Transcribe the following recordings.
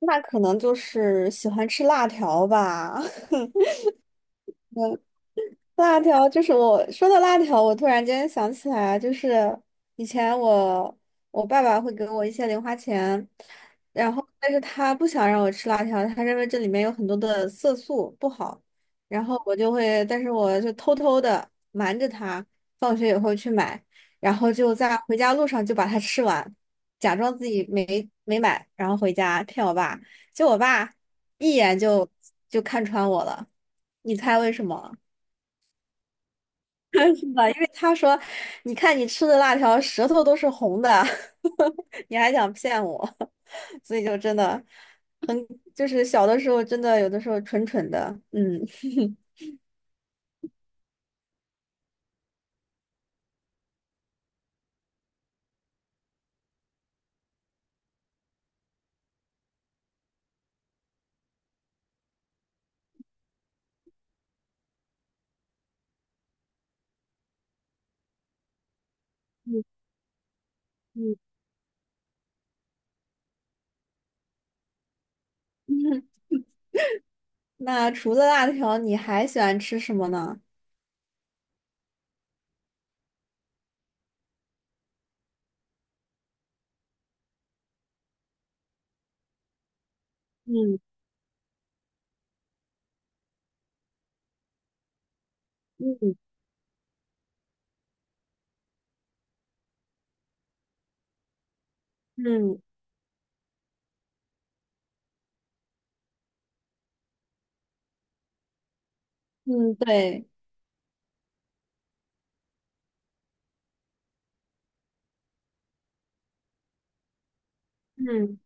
那可能就是喜欢吃辣条吧。嗯辣条就是我说到辣条，我突然间想起来啊，就是以前我爸爸会给我一些零花钱，然后但是他不想让我吃辣条，他认为这里面有很多的色素不好，然后我就会，但是我就偷偷的瞒着他，放学以后去买，然后就在回家路上就把它吃完，假装自己没买，然后回家骗我爸，结果我爸一眼就看穿我了，你猜为什么？是吧？因为他说，你看你吃的辣条舌头都是红的，你还想骗我，所以就真的很，就是小的时候真的有的时候蠢蠢的，嗯嗯嗯嗯。那除了辣条，你还喜欢吃什么呢？嗯嗯嗯嗯，对，嗯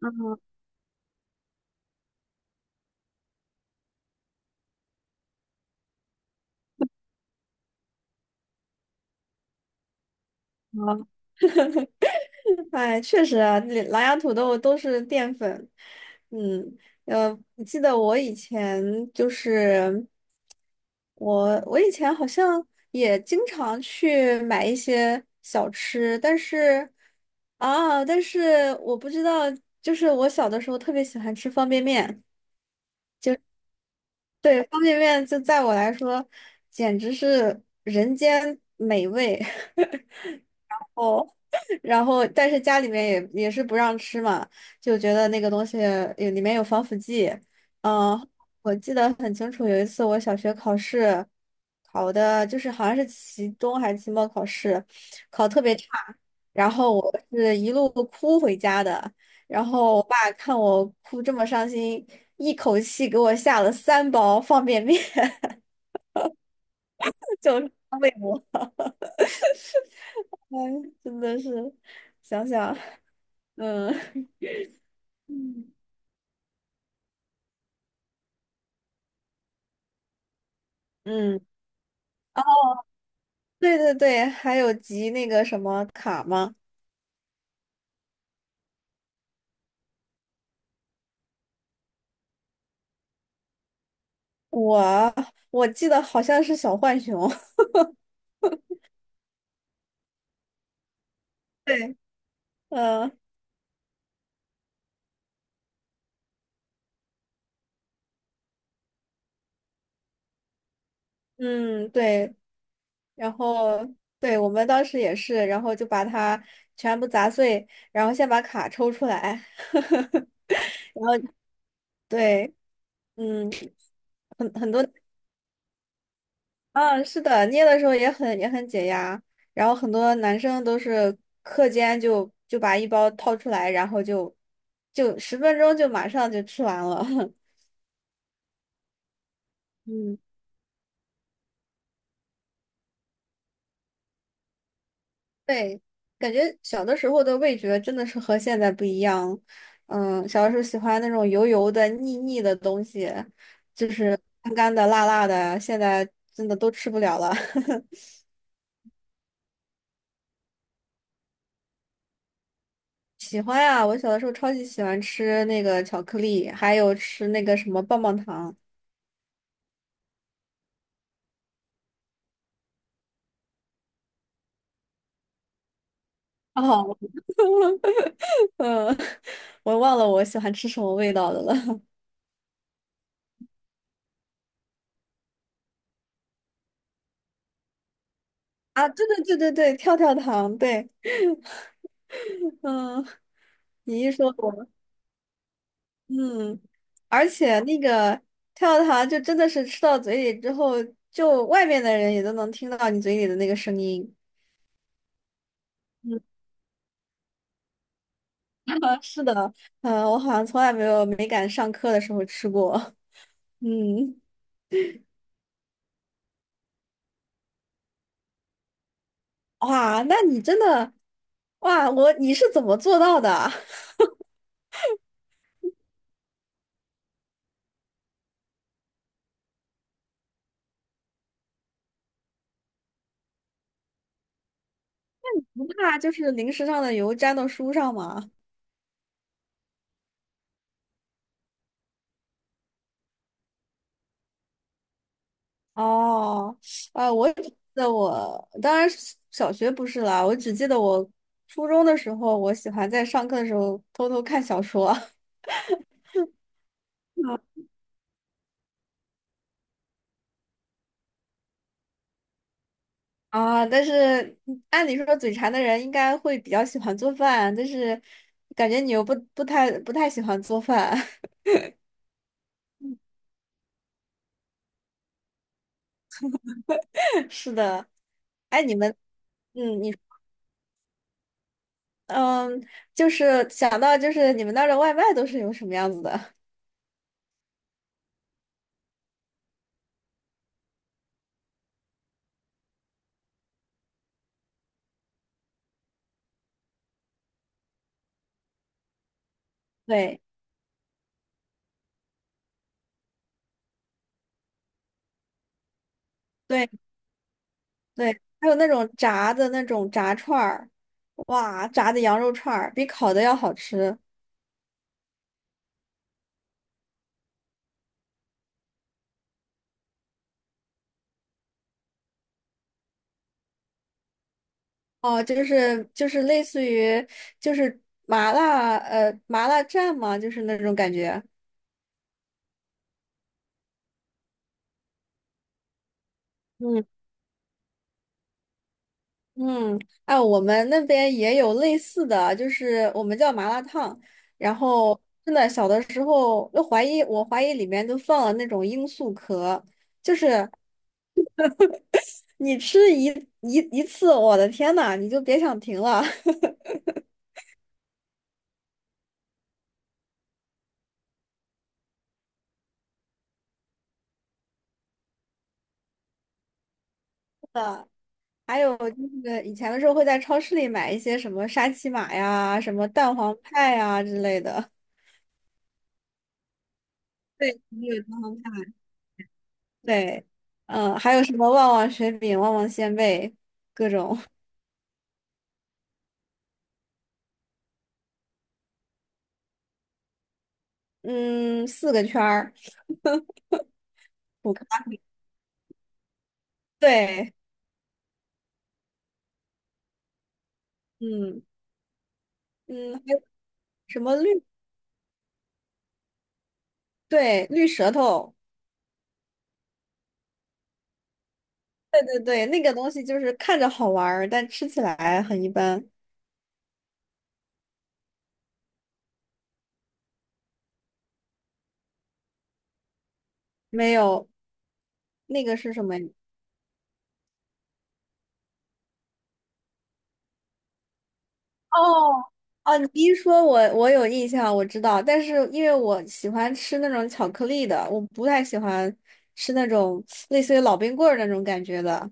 嗯，好哎，确实啊，那狼牙土豆都是淀粉。嗯，我记得我以前就是我，我以前好像也经常去买一些小吃，但是啊，但是我不知道，就是我小的时候特别喜欢吃方便面，对，方便面就在我来说简直是人间美味。然后但是家里面也是不让吃嘛，就觉得那个东西有里面有防腐剂。嗯，我记得很清楚，有一次我小学考试考的就是好像是期中还是期末考试，考特别差，然后我是一路哭回家的。然后我爸看我哭这么伤心，一口气给我下了3包方便面，就是安慰我。哎，真的是，想想，嗯。嗯，对对对，还有集那个什么卡吗？我我记得好像是小浣熊，对，嗯嗯对，然后对我们当时也是，然后就把它全部砸碎，然后先把卡抽出来，对，嗯，很多，啊，是的，捏的时候也很解压，然后很多男生都是课间就把一包掏出来，然后就就10分钟就马上就吃完了，嗯。对，感觉小的时候的味觉真的是和现在不一样。嗯，小的时候喜欢那种油油的、腻腻的东西，就是干干的、辣辣的，现在真的都吃不了了。喜欢呀，我小的时候超级喜欢吃那个巧克力，还有吃那个什么棒棒糖。哦，嗯，我忘了我喜欢吃什么味道的了。啊，对对对对对，跳跳糖，对，嗯，你一说我。嗯，而且那个跳跳糖就真的是吃到嘴里之后，就外面的人也都能听到你嘴里的那个声音。是的，嗯，我好像从来没敢上课的时候吃过。嗯，哇，那你真的，哇，我你是怎么做到的？不怕就是零食上的油沾到书上吗？哦，啊，我只记得我当然是小学不是啦，我只记得我初中的时候，我喜欢在上课的时候偷偷看小说。嗯啊，但是嗯按理说嘴馋的人应该会比较喜欢做饭，但是感觉你又不太喜欢做饭。是的，哎，你们，嗯，你，嗯，就是想到就是你们那儿的外卖都是有什么样子的？对，对。对，还有那种炸的那种炸串儿，哇，炸的羊肉串儿比烤的要好吃哦，就是就是类似于就是麻辣麻辣蘸嘛，就是那种感觉。嗯嗯，哎，我们那边也有类似的，就是我们叫麻辣烫，然后真的小的时候都怀疑，我怀疑里面都放了那种罂粟壳，就是你吃一次，我的天呐，你就别想停了。还有就是以前的时候会在超市里买一些什么沙琪玛呀、什么蛋黄派呀之类的。对，也有蛋黄派。对，嗯，还有什么旺旺雪饼、旺旺仙贝，各种，嗯，4个圈儿，5个，对，嗯嗯，还有什么绿，对，绿舌头，对对对，那个东西就是看着好玩儿，但吃起来很一般，没有那个是什么？哦哦，你一说我，我有印象，我知道，但是因为我喜欢吃那种巧克力的，我不太喜欢吃那种类似于老冰棍儿那种感觉的。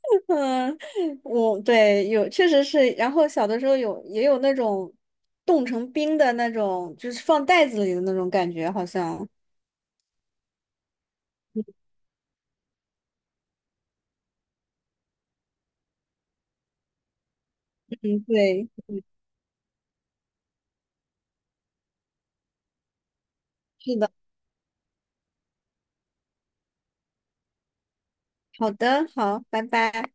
嗯，我对有确实是，然后小的时候有也有那种冻成冰的那种，就是放袋子里的那种感觉，好像。嗯，对，是的。好的，好，拜拜。